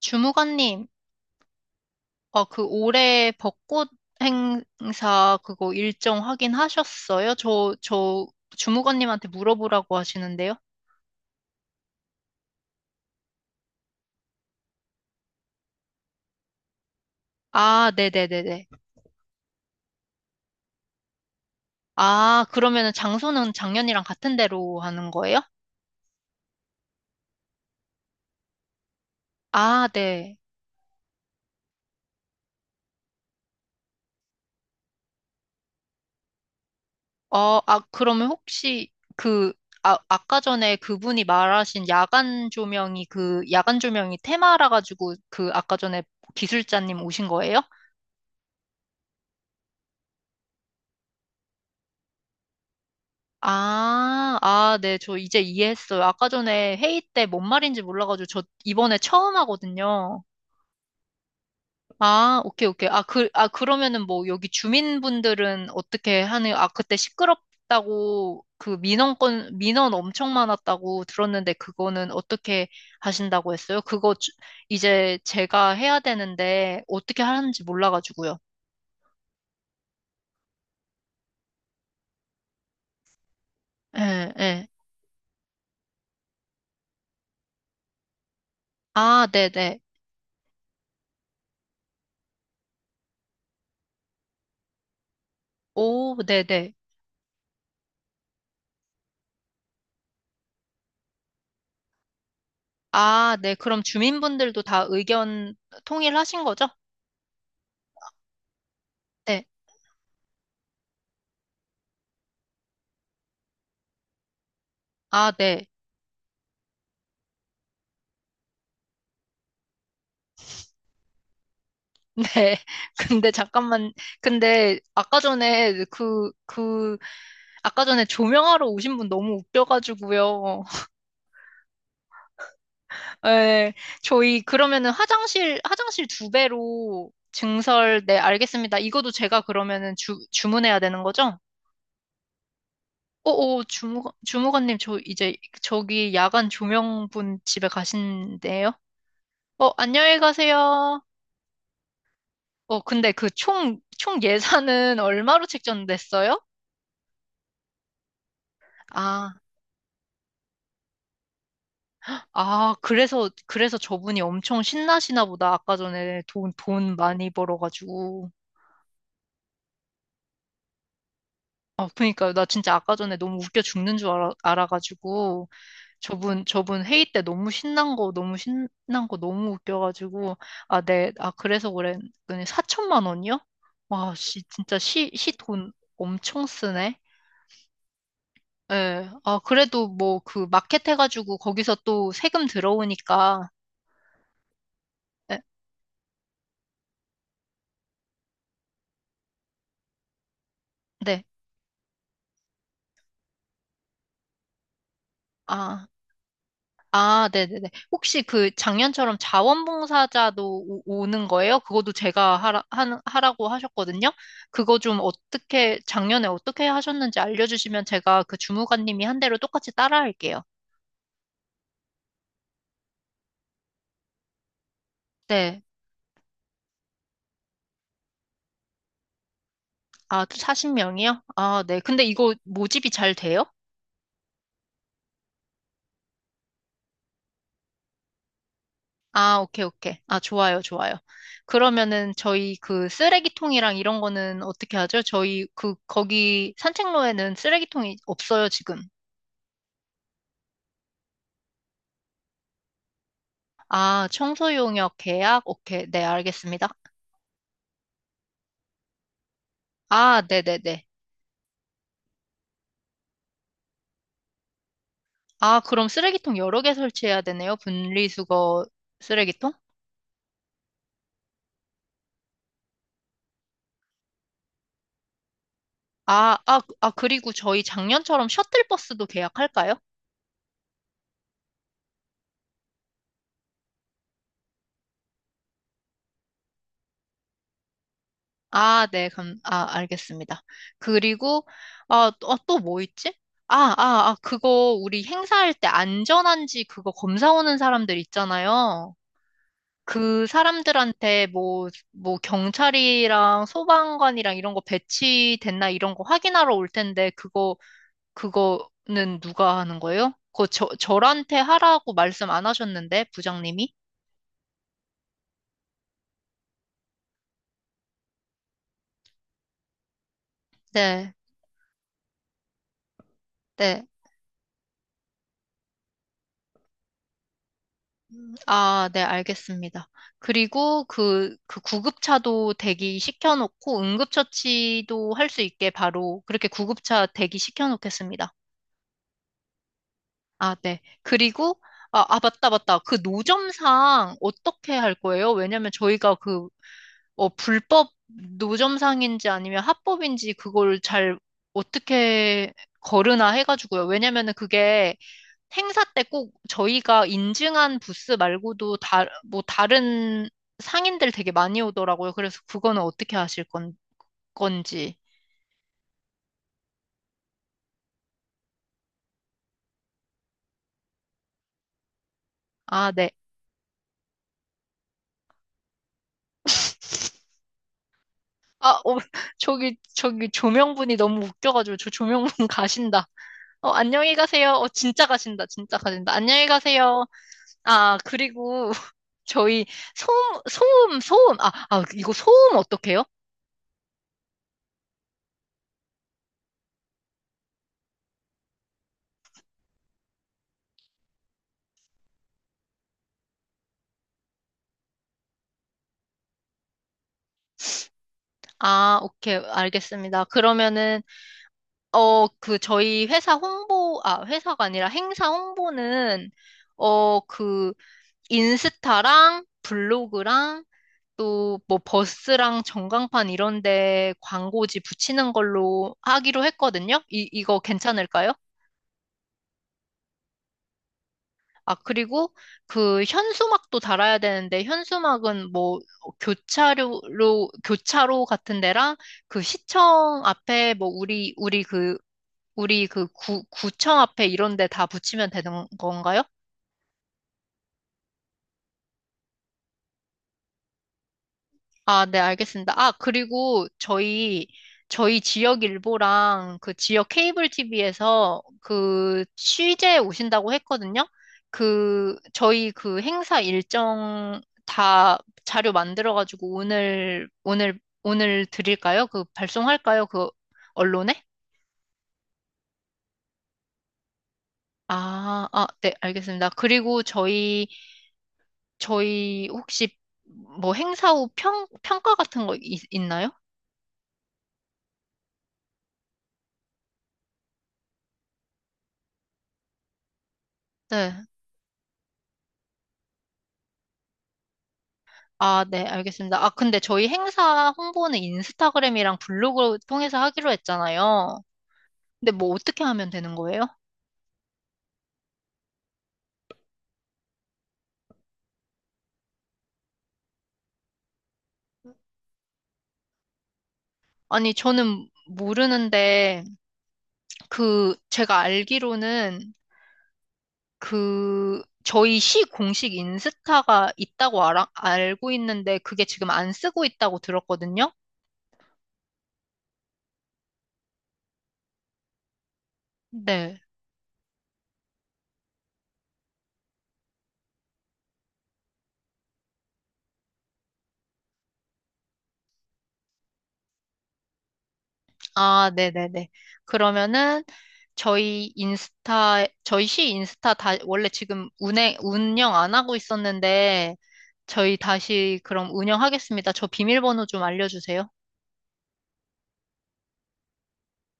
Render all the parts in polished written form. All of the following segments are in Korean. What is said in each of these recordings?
주무관님, 올해 벚꽃 행사 그거 일정 확인하셨어요? 저 주무관님한테 물어보라고 하시는데요. 아, 네네네네. 아, 그러면은 장소는 작년이랑 같은 데로 하는 거예요? 아, 네. 그러면 혹시 그, 아까 전에 그분이 말하신 야간 조명이 야간 조명이 테마라 가지고 아까 전에 기술자님 오신 거예요? 네, 저 이제 이해했어요. 아까 전에 회의 때 뭔 말인지 몰라가지고 저 이번에 처음 하거든요. 아, 오케이, 오케이. 아, 그러면은 뭐 여기 주민분들은 어떻게 하는, 아, 그때 시끄럽다고 그 민원 엄청 많았다고 들었는데 그거는 어떻게 하신다고 했어요? 그거 이제 제가 해야 되는데 어떻게 하는지 몰라가지고요. 예, 예. 아, 네네. 오, 네네. 아, 네. 그럼 주민분들도 다 의견 통일하신 거죠? 네. 아, 네. 네. 근데 잠깐만. 근데 아까 전에 조명하러 오신 분 너무 웃겨가지고요. 네. 저희 그러면은 화장실 두 배로 증설, 네, 알겠습니다. 이것도 제가 그러면은 주문해야 되는 거죠? 오오, 주무관님, 저 이제 저기 야간 조명분 집에 가신대요? 안녕히 가세요. 근데 그 총 예산은 얼마로 책정됐어요? 아, 그래서 저분이 엄청 신나시나 보다. 아까 전에 돈 많이 벌어가지고. 아, 그니까요. 나 진짜 아까 전에 너무 웃겨 죽는 줄 알아가지고. 저분 회의 때 너무 신난 거, 너무 신난 거 너무 웃겨가지고. 아, 네. 아, 그래서 그래. 4천만 원이요? 와, 씨, 진짜 시 돈 엄청 쓰네. 예. 아, 그래도 뭐 그 마켓 해가지고 거기서 또 세금 들어오니까. 예, 네. 아, 네네네. 혹시 그 작년처럼 자원봉사자도 오는 거예요? 그것도 제가 하라고 하셨거든요. 그거 좀 어떻게, 작년에 어떻게 하셨는지 알려주시면 제가 그 주무관님이 한 대로 똑같이 따라 할게요. 네. 아, 40명이요? 아, 네. 근데 이거 모집이 잘 돼요? 아, 오케이, 오케이. 아, 좋아요, 좋아요. 그러면은 저희 그 쓰레기통이랑 이런 거는 어떻게 하죠? 저희 거기 산책로에는 쓰레기통이 없어요, 지금. 아, 청소용역 계약? 오케이. 네, 알겠습니다. 아, 네네네. 아, 그럼 쓰레기통 여러 개 설치해야 되네요. 분리수거 쓰레기통? 그리고 저희 작년처럼 셔틀버스도 계약할까요? 아, 네, 알겠습니다. 그리고, 또, 뭐 있지? 그거, 우리 행사할 때 안전한지 그거 검사 오는 사람들 있잖아요. 그 사람들한테 뭐, 경찰이랑 소방관이랑 이런 거 배치됐나 이런 거 확인하러 올 텐데, 그거는 누가 하는 거예요? 그거 저한테 하라고 말씀 안 하셨는데, 부장님이? 네, 네. 아, 네, 알겠습니다. 그리고 그 구급차도 대기 시켜놓고 응급처치도 할 수 있게 바로 그렇게 구급차 대기 시켜놓겠습니다. 아, 네. 그리고, 맞다, 맞다. 그 노점상 어떻게 할 거예요? 왜냐면 저희가 불법 노점상인지 아니면 합법인지 그걸 잘 어떻게 거르나 해가지고요. 왜냐면은 그게 행사 때 꼭 저희가 인증한 부스 말고도 다, 뭐 다른 상인들 되게 많이 오더라고요. 그래서 그거는 어떻게 건지. 아, 네. 아, 어, 저기 조명분이 너무 웃겨가지고 저 조명분 가신다. 안녕히 가세요. 진짜 가신다. 진짜 가신다. 안녕히 가세요. 아, 그리고 저희 소음, 소음, 소음. 이거 소음 어떡해요? 아, 오케이. 알겠습니다. 그러면은 저희 회사가 아니라 행사 홍보는, 어, 그, 인스타랑 블로그랑 또 뭐 버스랑 전광판 이런 데 광고지 붙이는 걸로 하기로 했거든요? 이거 괜찮을까요? 아, 그리고 그 현수막도 달아야 되는데, 현수막은 뭐 교차로, 교차로 같은 데랑 그 시청 앞에 뭐 우리 그 구청 앞에 이런 데 다 붙이면 되는 건가요? 아, 네, 알겠습니다. 아, 그리고 저희 지역 일보랑 그 지역 케이블 TV에서 그 취재 오신다고 했거든요. 저희 그 행사 일정 다 자료 만들어가지고 오늘 드릴까요? 그 발송할까요? 언론에? 네, 알겠습니다. 그리고 저희 혹시 뭐 행사 후 평가 같은 거 있나요? 네. 아, 네, 알겠습니다. 아, 근데 저희 행사 홍보는 인스타그램이랑 블로그 통해서 하기로 했잖아요. 근데 뭐 어떻게 하면 되는 거예요? 아니, 저는 모르는데, 제가 알기로는 저희 시 공식 인스타가 있다고 알고 있는데, 그게 지금 안 쓰고 있다고 들었거든요? 네. 아, 네네네. 그러면은 저희 시 인스타 다, 원래 지금 운영 안 하고 있었는데 저희 다시 그럼 운영하겠습니다. 저 비밀번호 좀 알려주세요.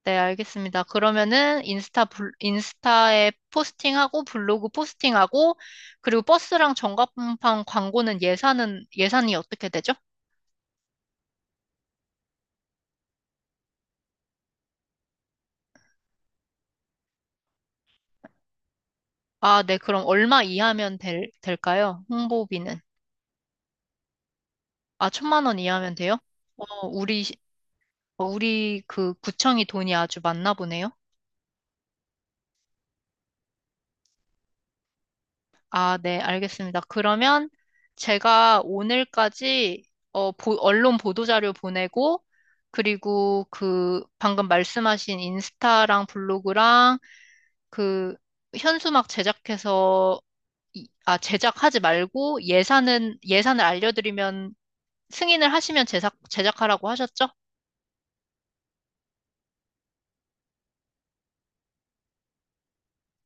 네, 알겠습니다. 그러면은 인스타에 포스팅하고 블로그 포스팅하고 그리고 버스랑 전광판 광고는 예산이 어떻게 되죠? 아, 네, 그럼 얼마 이하면 될까요? 홍보비는. 아, 1,000만 원 이하면 돼요? 어, 우리 우리 그 구청이 돈이 아주 많나 보네요. 아, 네, 알겠습니다. 그러면 제가 오늘까지 언론 보도자료 보내고 그리고 그 방금 말씀하신 인스타랑 블로그랑 그 현수막 제작하지 말고 예산은 예산을 알려드리면 승인을 하시면 제작하라고 하셨죠?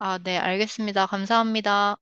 아, 네, 알겠습니다. 감사합니다.